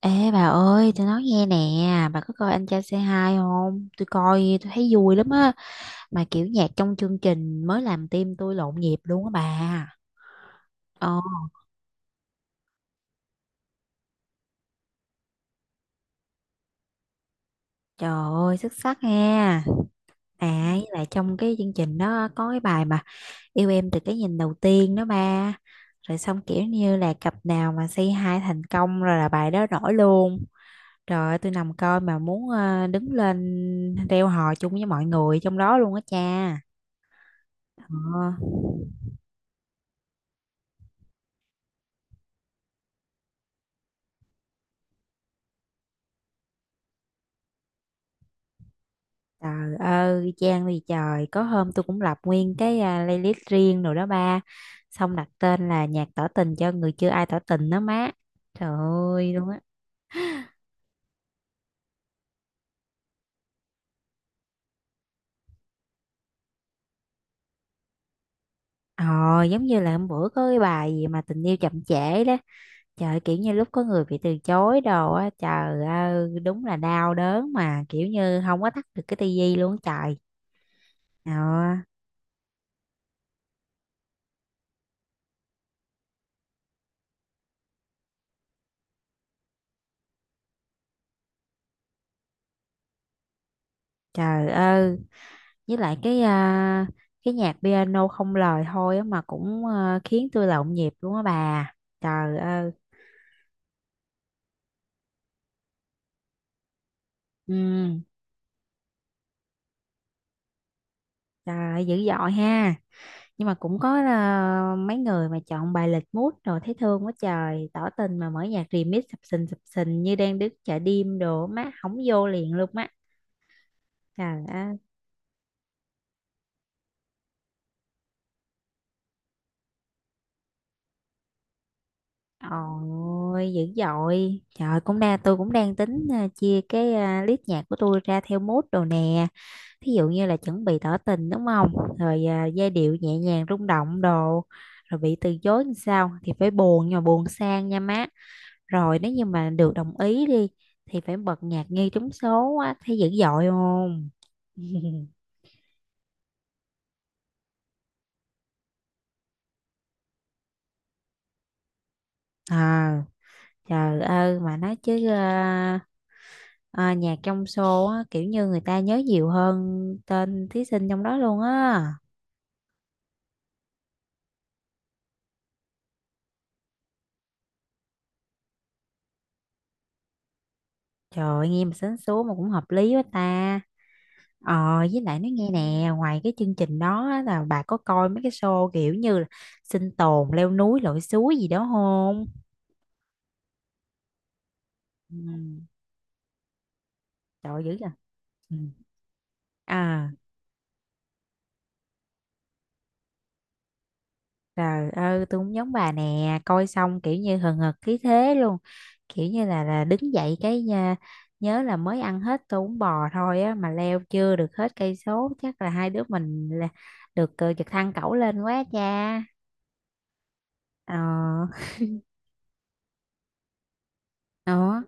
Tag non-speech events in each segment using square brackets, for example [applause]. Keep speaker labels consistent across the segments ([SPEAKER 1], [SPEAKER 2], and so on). [SPEAKER 1] Ê bà ơi, tôi nói nghe nè, bà có coi Anh Trai Say Hi không? Tôi coi, tôi thấy vui lắm á. Mà kiểu nhạc trong chương trình mới làm tim tôi lộn nhịp luôn á bà. Ồ, trời ơi, xuất sắc nha. Với lại trong cái chương trình đó có cái bài mà Yêu Em Từ Cái Nhìn Đầu Tiên đó ba. Rồi xong kiểu như là cặp nào mà Say Hi thành công rồi là bài đó nổi luôn. Trời ơi, tôi nằm coi mà muốn đứng lên reo hò chung với mọi người trong đó luôn á cha. Ờ. Trời ơi, Trang vì trời, có hôm tôi cũng lập nguyên cái playlist riêng rồi đó ba. Xong đặt tên là nhạc tỏ tình cho người chưa ai tỏ tình đó má. Trời ơi luôn á. Ờ, giống như là hôm bữa có cái bài gì mà tình yêu chậm trễ đó. Trời, kiểu như lúc có người bị từ chối đồ á, trời ơi, đúng là đau đớn mà kiểu như không có tắt được cái tivi luôn á trời. Ờ, trời ơi, với lại cái nhạc piano không lời thôi á mà cũng khiến tôi là nhịp luôn á bà, trời ơi. ừ, Trời ơi, dữ dội ha, nhưng mà cũng có mấy người mà chọn bài lịch mút rồi thấy thương quá trời, tỏ tình mà mở nhạc remix sập sình như đang đứng chợ đêm đồ má, hổng vô liền luôn á, trời ơi. Ôi dữ dội, trời, cũng đang tôi cũng đang tính chia cái list nhạc của tôi ra theo mood đồ nè, thí dụ như là chuẩn bị tỏ tình đúng không, rồi giai điệu nhẹ nhàng rung động đồ, rồi bị từ chối làm sao thì phải buồn nhưng mà buồn sang nha má, rồi nếu như mà được đồng ý đi thì phải bật nhạc nghe trúng số á, thấy dữ dội không? [laughs] à Trời ơi, mà nói chứ nhạc trong show á, kiểu như người ta nhớ nhiều hơn tên thí sinh trong đó luôn á. Trời ơi, nghe mà sến súa mà cũng hợp lý quá ta. Ờ, với lại nó nghe nè, ngoài cái chương trình đó á, là bà có coi mấy cái show kiểu như là sinh tồn, leo núi, lội suối gì đó không? Ừ, trời ơi, dữ vậy. Ừ. À, trời ơi, tôi cũng giống bà nè, coi xong kiểu như hừng hực khí thế luôn. Kiểu như là đứng dậy cái nha, nhớ là mới ăn hết tô bún bò thôi á mà leo chưa được hết cây số, chắc là hai đứa mình là được giật thăng cẩu lên quá cha. Ờ, đó.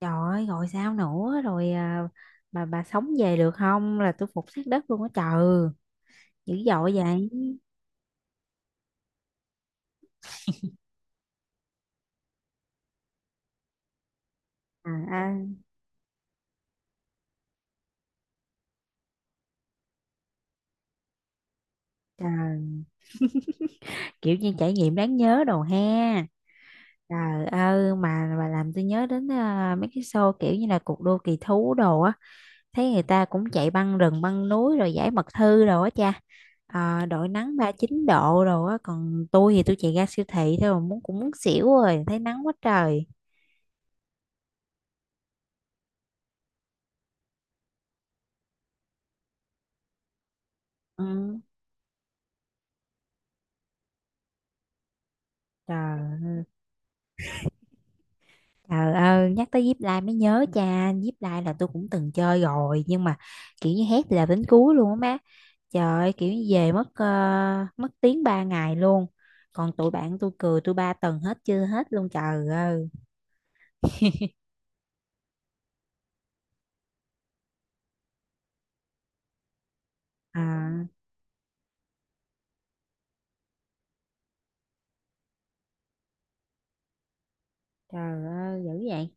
[SPEAKER 1] Trời ơi, gọi sao nữa rồi à, bà sống về được không là tôi phục sát đất luôn á trời, dữ dội vậy. à, à Trời, kiểu như trải nghiệm đáng nhớ đồ ha. Trời ơi, mà bà làm tôi nhớ đến mấy cái show kiểu như là cuộc đua kỳ thú đồ á, thấy người ta cũng chạy băng rừng băng núi rồi giải mật thư đồ á cha, đội nắng 39 độ đồ á, còn tôi thì tôi chạy ra siêu thị thôi mà muốn cũng muốn xỉu rồi thấy nắng quá trời. Ừ, trời. Trời ơi, nhắc tới Zip Line mới nhớ cha, Zip Line là tôi cũng từng chơi rồi nhưng mà kiểu như hét là đến cuối luôn á má. Trời ơi, kiểu như về mất mất tiếng 3 ngày luôn. Còn tụi bạn tôi cười tôi 3 tuần hết chưa hết luôn trời ơi. À, trời ơi, dữ vậy.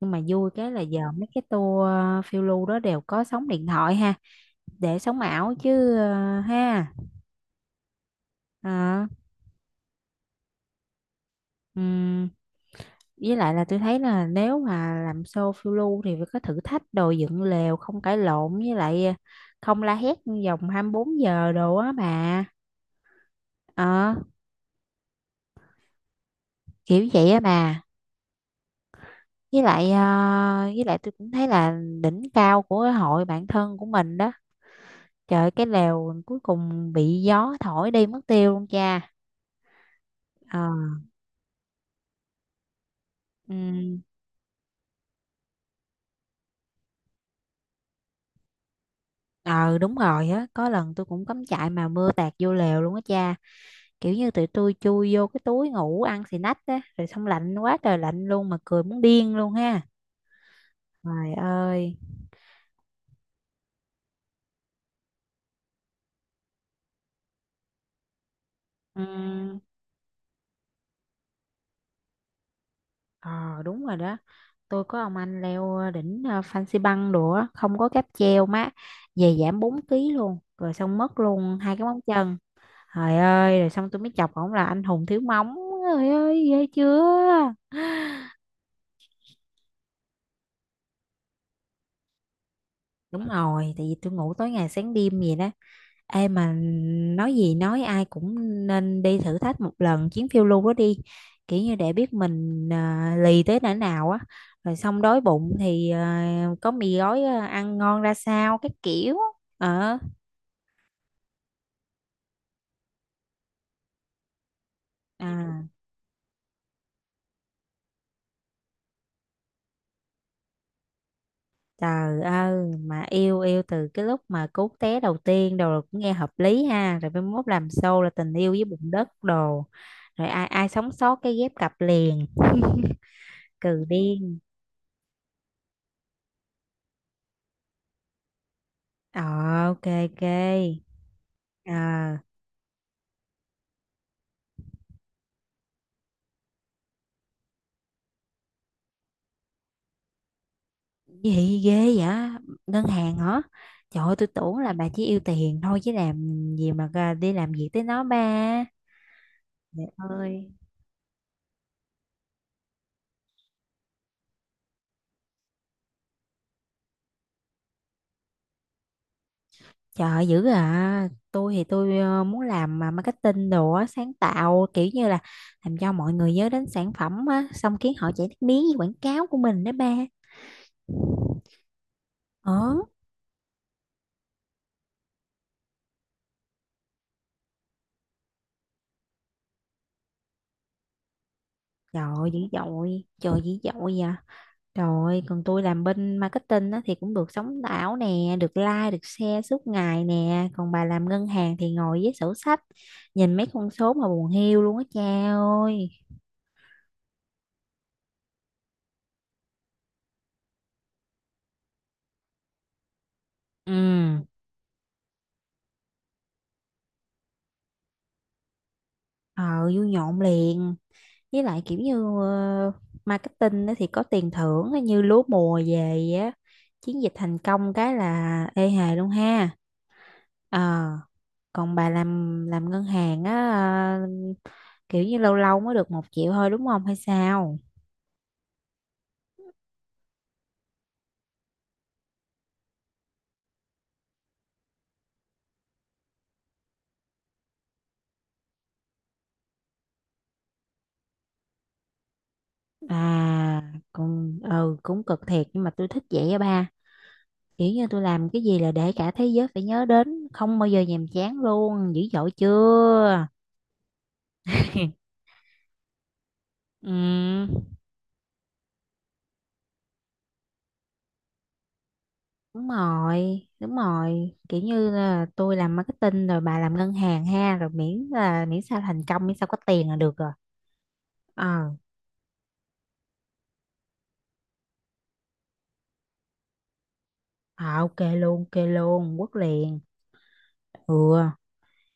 [SPEAKER 1] Nhưng mà vui cái là giờ mấy cái tour phiêu lưu đó đều có sóng điện thoại ha, để sóng ảo chứ ha. Ờ. Ừm, với lại là tôi thấy là nếu mà làm show phiêu lưu thì phải có thử thách đồ, dựng lều không cãi lộn, với lại không la hét vòng 24 giờ đồ á bà, ờ, kiểu vậy á bà. Với lại với lại tôi cũng thấy là đỉnh cao của cái hội bạn thân của mình đó, trời ơi, cái lều cuối cùng bị gió thổi đi mất tiêu luôn cha. Ờ. ừ, ờ, Đúng rồi á, có lần tôi cũng cắm trại mà mưa tạt vô lều luôn á cha, kiểu như tụi tôi chui vô cái túi ngủ ăn xì nách á, rồi xong lạnh quá trời lạnh luôn mà cười muốn điên luôn ha, trời ơi. Ừm, ờ đúng rồi đó, tôi có ông anh leo đỉnh Fansipan đồ á, không có cáp treo má, về giảm 4 ký luôn rồi xong mất luôn hai cái móng chân. Trời ơi, rồi xong tôi mới chọc ổng là anh hùng thiếu móng, trời ơi ghê chưa. Đúng rồi tại vì tôi ngủ tối ngày sáng đêm vậy đó. Ê mà nói gì nói, ai cũng nên đi thử thách một lần chuyến phiêu lưu đó đi, kiểu như để biết mình lì tới哪nào á, rồi xong đói bụng thì có mì gói ăn ngon ra sao, cái kiểu ờ. à, Trời ơi, mà yêu yêu từ cái lúc mà cú té đầu tiên đồ là cũng nghe hợp lý ha, rồi mai mốt làm show là tình yêu với bụng đất đồ, rồi ai ai sống sót cái ghép cặp liền. [laughs] Cừ điên. Ờ, ok ok. Ờ. Gì ghê vậy? Ngân hàng hả? Trời ơi, tôi tưởng là bà chỉ yêu tiền thôi chứ làm gì mà ra đi làm việc tới nó ba. Trời ơi. Trời ơi, dữ à. Tôi thì tôi muốn làm mà marketing đồ á, sáng tạo kiểu như là làm cho mọi người nhớ đến sản phẩm á, xong khiến họ chạy nước miếng với quảng cáo của mình đó ba. Ờ, trời ơi, dữ dội, trời dữ dội vậy. Rồi, còn tôi làm bên marketing á, thì cũng được sống ảo nè, được like, được share suốt ngày nè. Còn bà làm ngân hàng thì ngồi với sổ sách, nhìn mấy con số mà buồn hiu luôn á cha ơi. Ừ, ờ, vui nhộn liền. Với lại kiểu như ờ, marketing á, thì có tiền thưởng á, như lúa mùa về á. Chiến dịch thành công cái là ê hề luôn ha. Ờ, còn bà làm ngân hàng á, ờ, kiểu như lâu lâu mới được 1 triệu thôi đúng không hay sao? À, cũng cũng cực thiệt nhưng mà tôi thích vậy á ba. Kiểu như tôi làm cái gì là để cả thế giới phải nhớ đến, không bao giờ nhàm chán luôn, dữ dội chưa? [laughs] Ừ, đúng rồi, đúng rồi. Kiểu như là tôi làm marketing rồi bà làm ngân hàng ha, rồi miễn sao thành công, miễn sao có tiền là được rồi. Ờ, à, ok luôn, quất liền. Ừ.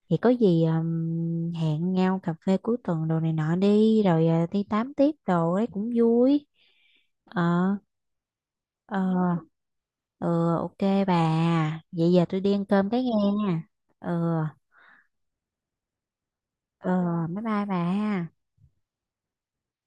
[SPEAKER 1] Thì có gì hẹn nhau cà phê cuối tuần đồ này nọ đi, rồi đi tám tiếp đồ ấy cũng vui. Ờ. Ờ. Ừ, ok bà. Vậy giờ tôi đi ăn cơm cái nghe nha. Ừ. Ờ, bye bye bà.